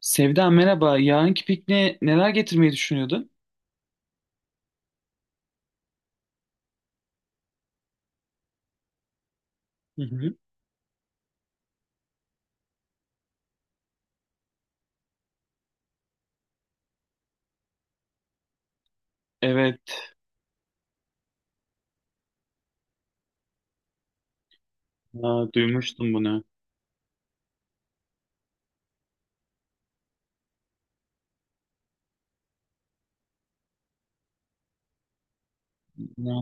Sevda merhaba. Yarınki pikniğe neler getirmeyi düşünüyordun? Hı hı. Evet. Ha, duymuştum bunu. Ya,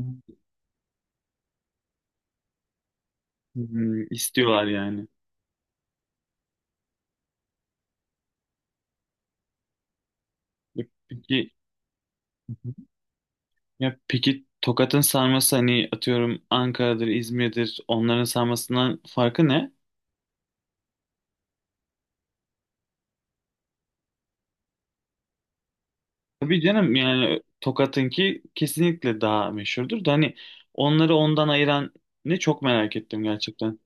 istiyorlar yani. Ya Peki, ya peki, Tokat'ın sarması hani atıyorum Ankara'dır, İzmir'dir, onların sarmasından farkı ne? Tabii canım, yani Tokat'ınki kesinlikle daha meşhurdur da hani onları ondan ayıran ne çok merak ettim gerçekten.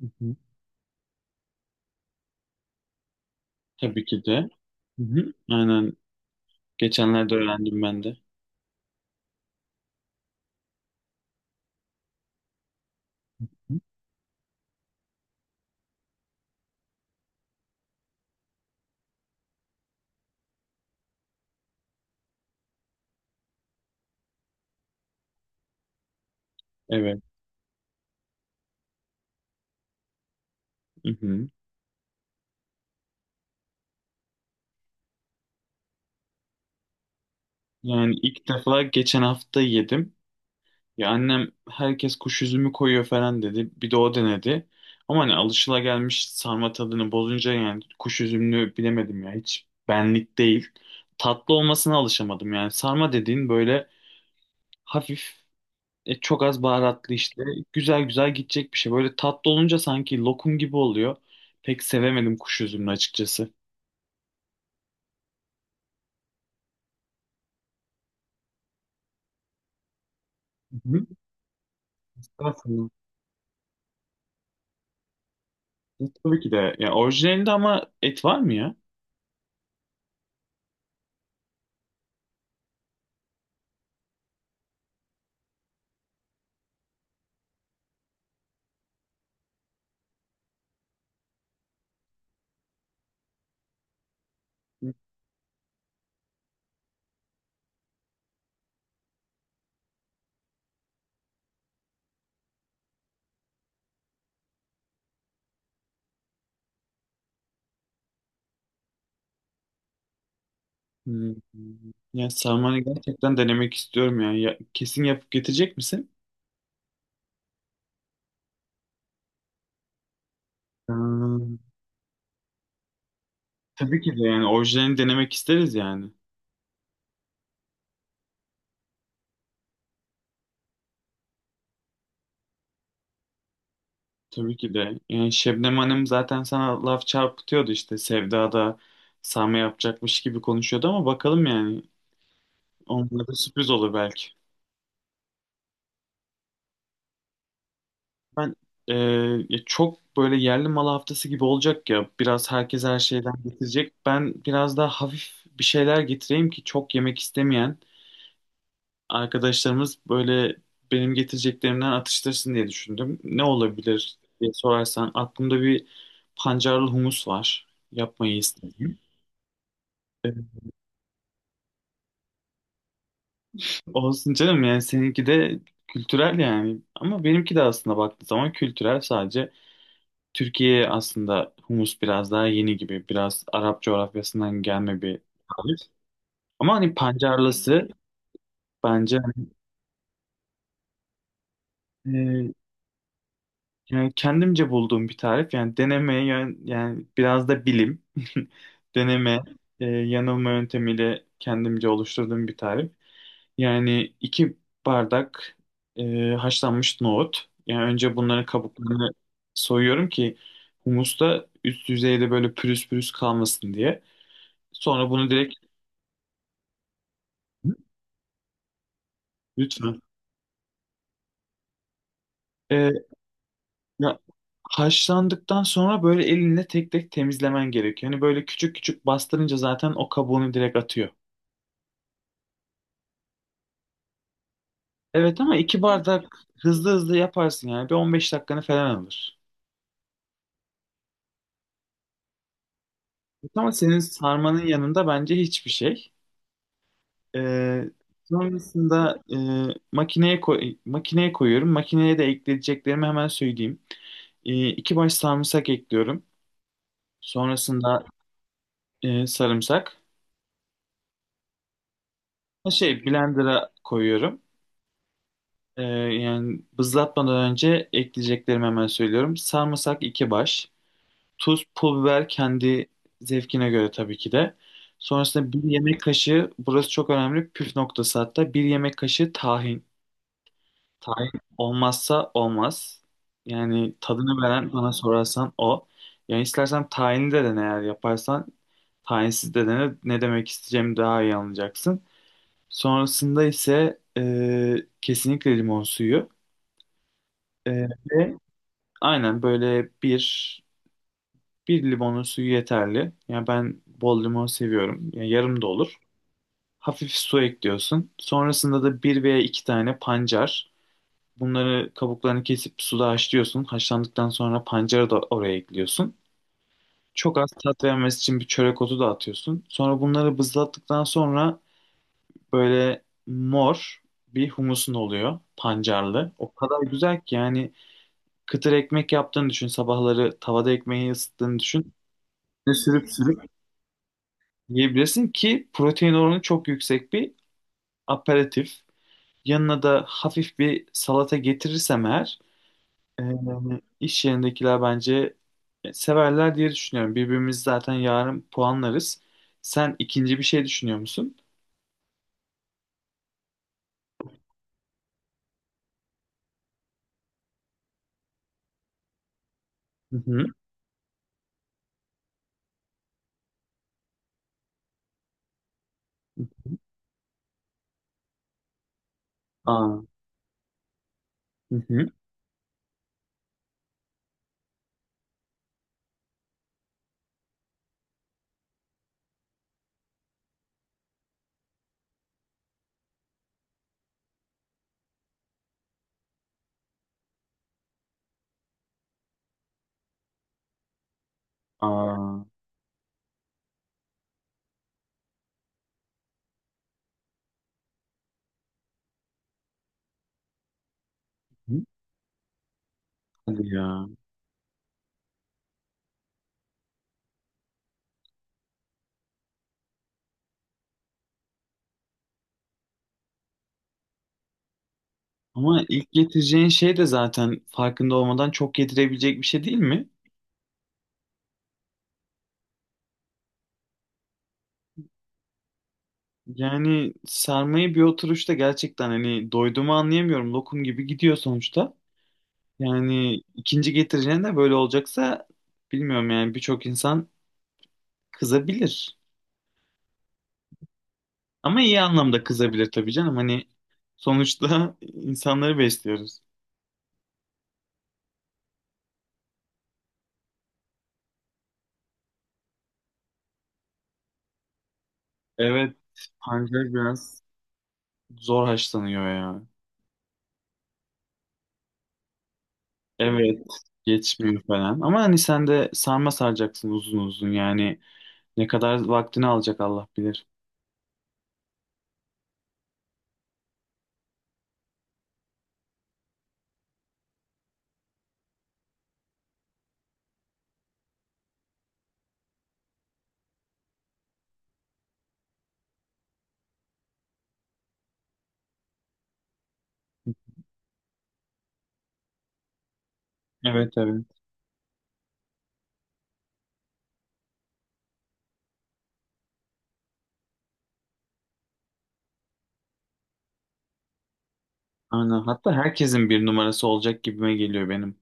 Hı hı. Tabii ki de. Hı hı. Aynen. Geçenlerde öğrendim ben de. Evet. Mhm. Yani ilk defa geçen hafta yedim. Ya annem herkes kuş üzümü koyuyor falan dedi. Bir de o denedi. Ama hani alışılagelmiş sarma tadını bozunca yani kuş üzümünü bilemedim ya. Hiç benlik değil. Tatlı olmasına alışamadım yani. Sarma dediğin böyle hafif, çok az baharatlı işte. Güzel güzel gidecek bir şey. Böyle tatlı olunca sanki lokum gibi oluyor. Pek sevemedim kuş üzümünü açıkçası. Hı-hı. Tabii ki de. Ya orijinalinde ama et var mı ya? Hmm. Ya sarmayı gerçekten denemek istiyorum yani. Ya kesin yapıp getirecek misin? Hmm. Tabii ki de, yani orijinalini denemek isteriz yani. Tabii ki de. Yani Şebnem Hanım zaten sana laf çarpıtıyordu, işte Sevda da sarma yapacakmış gibi konuşuyordu ama bakalım yani. Onlara da sürpriz olur belki. Ben e, ya çok böyle yerli malı haftası gibi olacak ya. Biraz herkes her şeyden getirecek. Ben biraz daha hafif bir şeyler getireyim ki çok yemek istemeyen arkadaşlarımız böyle benim getireceklerimden atıştırsın diye düşündüm. Ne olabilir diye sorarsan aklımda bir pancarlı humus var. Yapmayı istedim. Olsun canım, yani seninki de kültürel yani. Ama benimki de aslında baktığı zaman kültürel sadece. Türkiye'ye aslında humus biraz daha yeni gibi. Biraz Arap coğrafyasından gelme bir tarif. Ama hani pancarlısı bence hani, e, yani kendimce bulduğum bir tarif. Yani deneme yani biraz da bilim. Deneme yanılma yöntemiyle kendimce oluşturduğum bir tarif. Yani iki bardak haşlanmış nohut. Yani önce bunların kabuklarını soyuyorum ki humusta üst yüzeyde böyle pürüz pürüz kalmasın diye. Sonra bunu direkt. Lütfen. Ee, ya, haşlandıktan sonra böyle elinle tek tek temizlemen gerekiyor. Hani böyle küçük küçük bastırınca zaten o kabuğunu direkt atıyor. Evet ama iki bardak, hızlı hızlı yaparsın yani. Bir 15 dakikanı falan alır. Evet, ama senin sarmanın yanında bence hiçbir şey. Ee, sonrasında makineye koyuyorum. Makineye de ekleyeceklerimi hemen söyleyeyim. İki baş sarımsak ekliyorum. Sonrasında sarımsak. Ha, blender'a koyuyorum. Yani bızlatmadan önce ekleyeceklerimi hemen söylüyorum. Sarımsak iki baş. Tuz, pul biber kendi zevkine göre, tabii ki de. Sonrasında bir yemek kaşığı, burası çok önemli püf noktası hatta. Bir yemek kaşığı tahin. Tahin olmazsa olmaz. Yani tadını veren, bana sorarsan, o. Yani istersen tahinli de dene eğer yaparsan. Tahinsiz de dene. Ne demek isteyeceğimi daha iyi anlayacaksın. Sonrasında ise kesinlikle limon suyu. E, ve aynen böyle bir limonun suyu yeterli. Yani ben bol limon seviyorum. Yani yarım da olur. Hafif su ekliyorsun. Sonrasında da bir veya iki tane pancar. Bunları kabuklarını kesip suda haşlıyorsun. Haşlandıktan sonra pancarı da oraya ekliyorsun. Çok az tat vermesi için bir çörek otu da atıyorsun. Sonra bunları bızlattıktan sonra böyle mor bir humusun oluyor, pancarlı. O kadar güzel ki yani kıtır ekmek yaptığını düşün. Sabahları tavada ekmeği ısıttığını düşün. Ne sürüp sürüp yiyebilirsin ki, protein oranı çok yüksek bir aperatif. Yanına da hafif bir salata getirirsem eğer, e, iş yerindekiler bence severler diye düşünüyorum. Birbirimizi zaten yarın puanlarız. Sen ikinci bir şey düşünüyor musun? Hı hı. Aa. Hı hı. Aa. Hı. Hadi ya. Ama ilk getireceğin şey de zaten farkında olmadan çok getirebilecek bir şey değil mi? Yani sarmayı bir oturuşta gerçekten hani doyduğumu anlayamıyorum. Lokum gibi gidiyor sonuçta. Yani ikinci getireceğin de böyle olacaksa, bilmiyorum yani, birçok insan kızabilir. Ama iyi anlamda kızabilir tabii canım. Hani sonuçta insanları besliyoruz. Evet, pancar biraz zor haşlanıyor ya. Evet, geçmiyor falan. Ama hani sen de sarma saracaksın uzun uzun yani. Ne kadar vaktini alacak Allah bilir. Evet, evet. Aynen. Hatta herkesin bir numarası olacak gibime geliyor benim.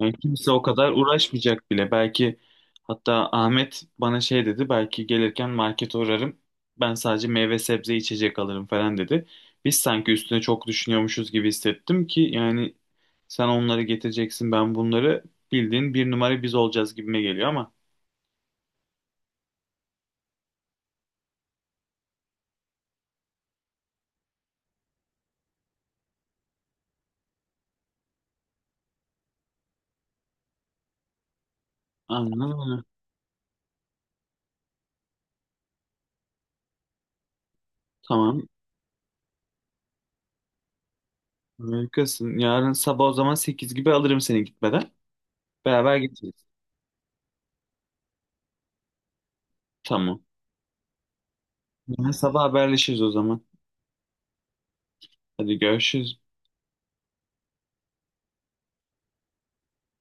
Yani kimse o kadar uğraşmayacak bile. Belki hatta Ahmet bana şey dedi. Belki gelirken market uğrarım. Ben sadece meyve, sebze, içecek alırım falan dedi. Biz sanki üstüne çok düşünüyormuşuz gibi hissettim ki, yani sen onları getireceksin, ben bunları, bildiğin bir numara biz olacağız gibime geliyor ama. Aynen öyle. Tamam. Harikasın. Yarın sabah o zaman 8 gibi alırım seni gitmeden. Beraber gideceğiz. Tamam. Yarın sabah haberleşiriz o zaman. Hadi görüşürüz.